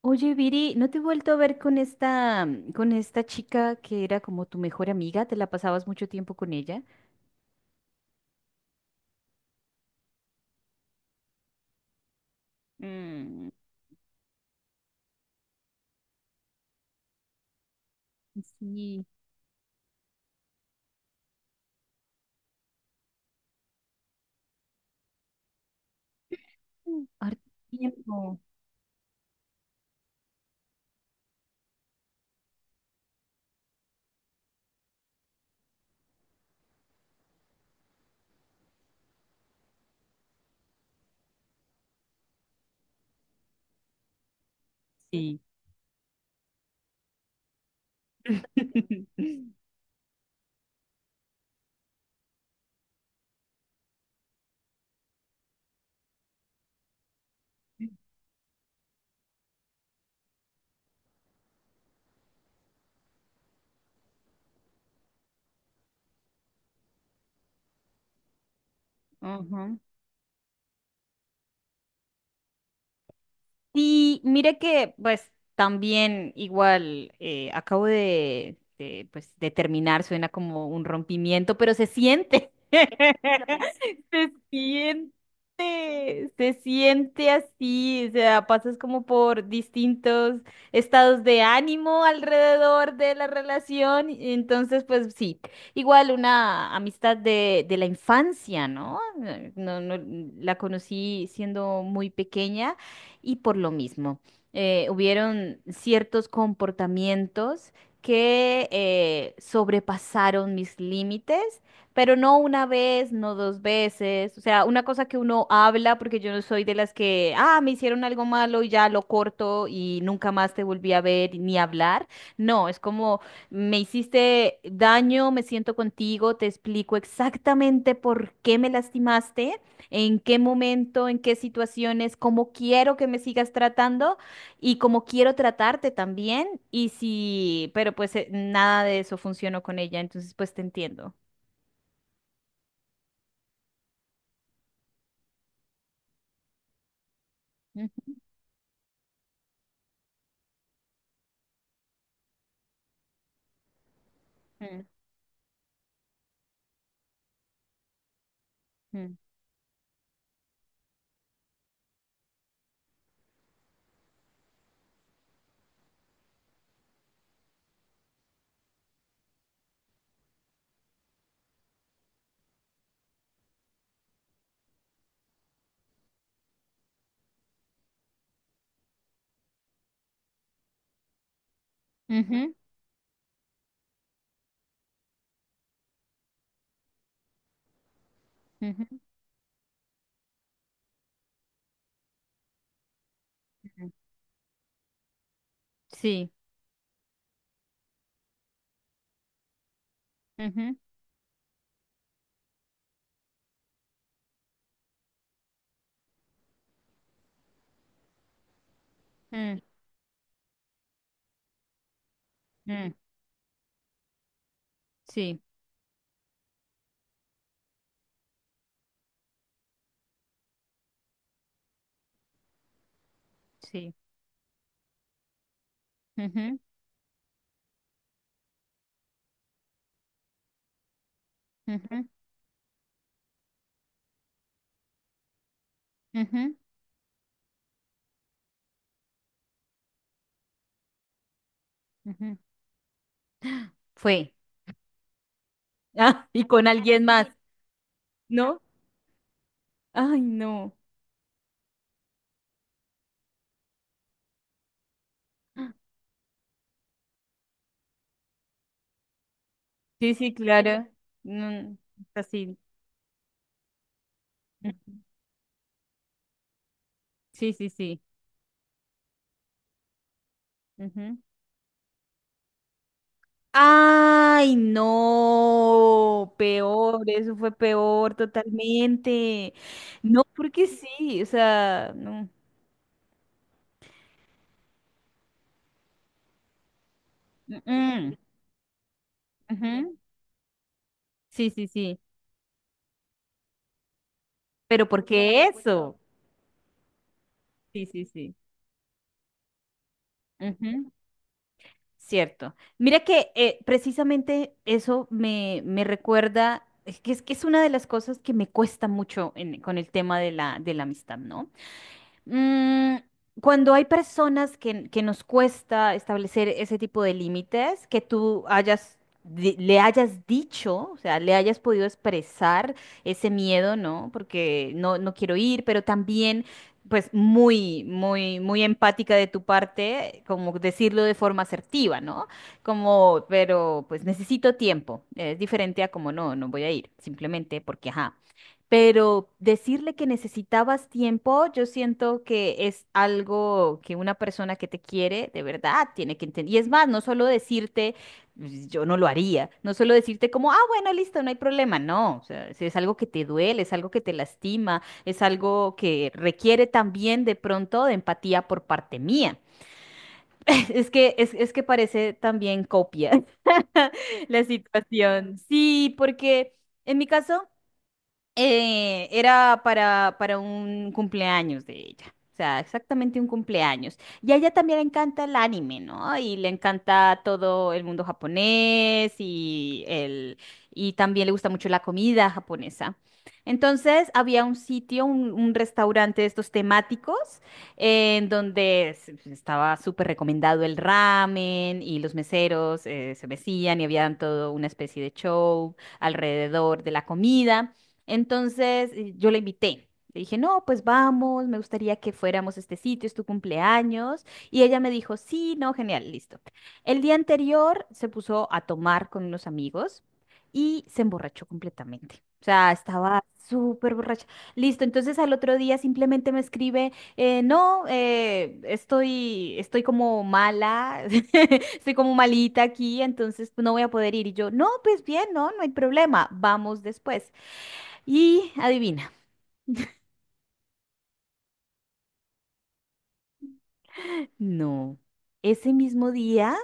Oye, Viri, ¿no te he vuelto a ver con con esta chica que era como tu mejor amiga? ¿Te la pasabas mucho tiempo con ella? Mm, sí. Mm. Harto tiempo. Sí. Ajá. Y mire que, pues, también igual acabo pues, de terminar, suena como un rompimiento, pero se siente, se siente así, o sea, pasas como por distintos estados de ánimo alrededor de la relación, y entonces, pues, sí, igual una amistad de la infancia, ¿no? No, no, la conocí siendo muy pequeña y por lo mismo, hubieron ciertos comportamientos que sobrepasaron mis límites, pero no una vez, no dos veces, o sea, una cosa que uno habla, porque yo no soy de las que, ah, me hicieron algo malo y ya lo corto y nunca más te volví a ver ni hablar. No, es como, me hiciste daño, me siento contigo, te explico exactamente por qué me lastimaste, en qué momento, en qué situaciones, cómo quiero que me sigas tratando y cómo quiero tratarte también. Y si, pero pues nada de eso funcionó con ella, entonces pues te entiendo. Ujú, mm, mm, ujú, ujú, ujú. Sí. Ujú, mm, mm. Sí, sí. Ujú, ujú, ujú, ujú. Fue. Ah, y con alguien más, ¿no? Ay, no. Sí, sí, claro. No, así. Ujú. Sí, sí, sí. Ujú. Ay, no, peor, eso fue peor totalmente. No, porque sí, o sea, no. Mm, ujú. Sí, sí, sí. Pero ¿porque eso? Sí, sí, sí. Ujú. Cierto. Mira que precisamente eso me recuerda, es que es una de las cosas que me cuesta mucho con el tema de de la amistad, ¿no? Mm, cuando hay personas que nos cuesta establecer ese tipo de límites, que tú hayas, le hayas dicho, o sea, le hayas podido expresar ese miedo, ¿no? Porque no, no quiero ir, pero también, pues, muy, muy, muy empática de tu parte, como decirlo de forma asertiva, ¿no? Como, pero, pues, necesito tiempo. Es diferente a como, no, no voy a ir, simplemente porque, ajá. Pero decirle que necesitabas tiempo, yo siento que es algo que una persona que te quiere de verdad tiene que entender. Y es más, no solo decirte, "Pues, yo no lo haría", no solo decirte como, ah, bueno, listo, no hay problema, no. O sea, si es algo que te duele, es algo que te lastima, es algo que requiere también de pronto de empatía por parte mía. Es que parece también copia la situación. Sí, porque en mi caso... era para un cumpleaños de ella. O sea, exactamente un cumpleaños. Y a ella también le encanta el anime, ¿no? Y le encanta todo el mundo japonés y el, y también le gusta mucho la comida japonesa. Entonces, había un sitio, un restaurante de estos temáticos, en donde estaba súper recomendado el ramen y los meseros se mecían y habían todo una especie de show alrededor de la comida. Entonces yo la invité. Le dije, no, pues vamos, me gustaría que fuéramos a este sitio, es tu cumpleaños. Y ella me dijo, sí, no, genial, listo. El día anterior se puso a tomar con unos amigos y se emborrachó completamente. O sea, estaba súper borracha. Listo, entonces al otro día simplemente me escribe, no, estoy, estoy como mala, estoy como malita aquí, entonces no voy a poder ir. Y yo, no, pues bien, no, no hay problema, vamos después. Y adivina, no. Ese mismo día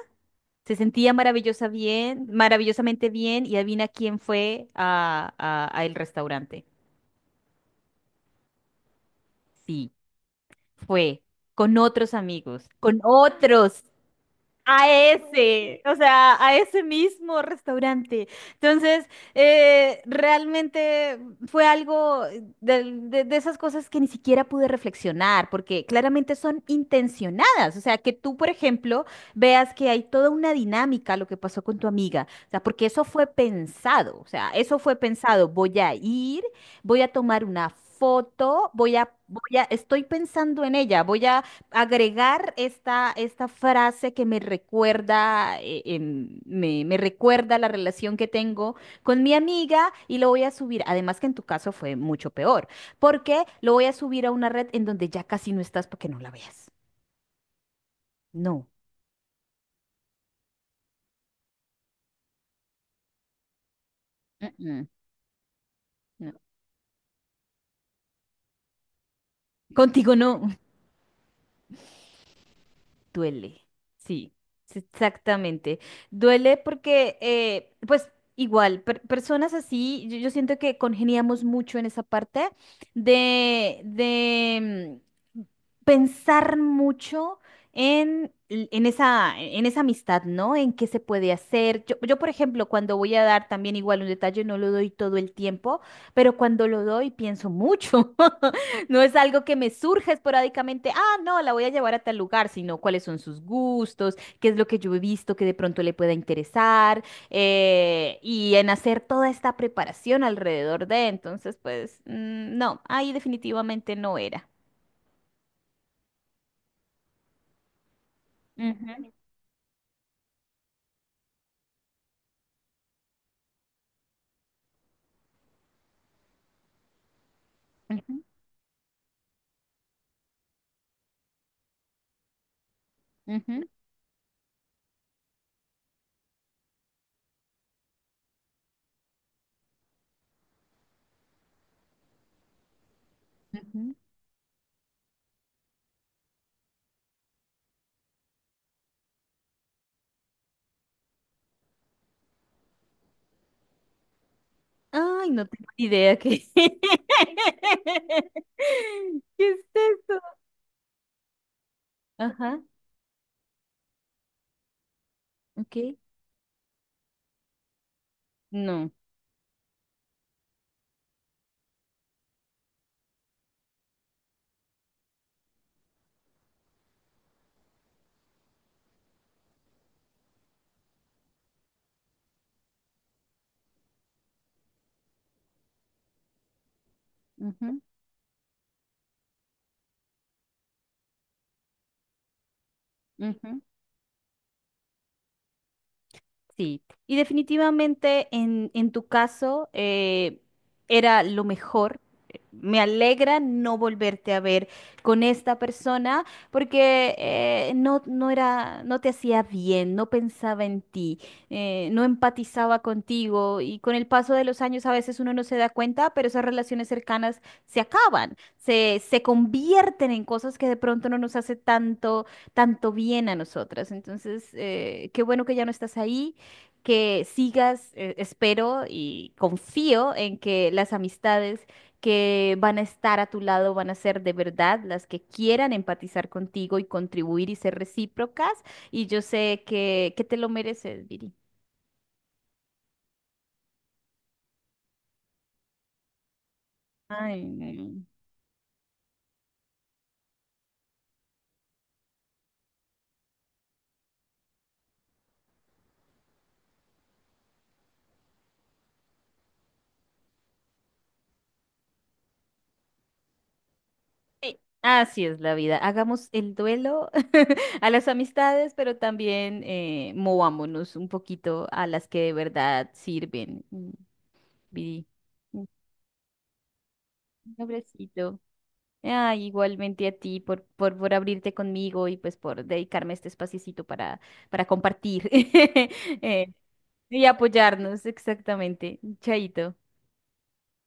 se sentía maravillosa bien, maravillosamente bien y adivina quién fue a el restaurante. Sí, fue con otros amigos, con otros a ese, o sea, a ese mismo restaurante. Entonces, realmente fue algo de esas cosas que ni siquiera pude reflexionar, porque claramente son intencionadas. O sea, que tú, por ejemplo, veas que hay toda una dinámica a lo que pasó con tu amiga. O sea, porque eso fue pensado. O sea, eso fue pensado. Voy a ir, voy a tomar una foto, estoy pensando en ella, voy a agregar esta frase que me recuerda, me recuerda la relación que tengo con mi amiga y lo voy a subir. Además que en tu caso fue mucho peor, porque lo voy a subir a una red en donde ya casi no estás para que no la veas. No. Mm, mm, no. Contigo no. Duele, sí, sí, exactamente. Duele porque, pues igual, personas así, yo siento que congeniamos mucho en esa parte de mm, pensar mucho en en esa amistad, ¿no? En qué se puede hacer. Yo, por ejemplo, cuando voy a dar también igual un detalle, no lo doy todo el tiempo, pero cuando lo doy pienso mucho. No es algo que me surge esporádicamente, ah, no, la voy a llevar a tal lugar, sino cuáles son sus gustos, qué es lo que yo he visto que de pronto le pueda interesar, y en hacer toda esta preparación alrededor de, entonces, pues, mm, no, ahí definitivamente no era. Ujú, ujú, ujú, ujú. Ay, no tengo ni idea qué. ¿Qué es eso? Ajá, ok. No. Ujú, ujú. Sí, y definitivamente en tu caso era lo mejor. Me alegra no volverte a ver con esta persona porque no, no era, no te hacía bien, no pensaba en ti, no empatizaba contigo y con el paso de los años a veces uno no se da cuenta, pero esas relaciones cercanas se acaban, se convierten en cosas que de pronto no nos hace tanto, tanto bien a nosotras. Entonces, qué bueno que ya no estás ahí, que sigas, espero y confío en que las amistades que van a estar a tu lado van a ser de verdad las que quieran empatizar contigo y contribuir y ser recíprocas. Y yo sé que te lo mereces, Viri. Ay, no. Sí, así es la vida. Hagamos el duelo a las amistades, pero también movámonos un poquito a las que de verdad sirven. Mm, Viri, un abracito. Ay, igualmente a ti por abrirte conmigo y pues por dedicarme este espaciecito para compartir y apoyarnos, exactamente. Chaito.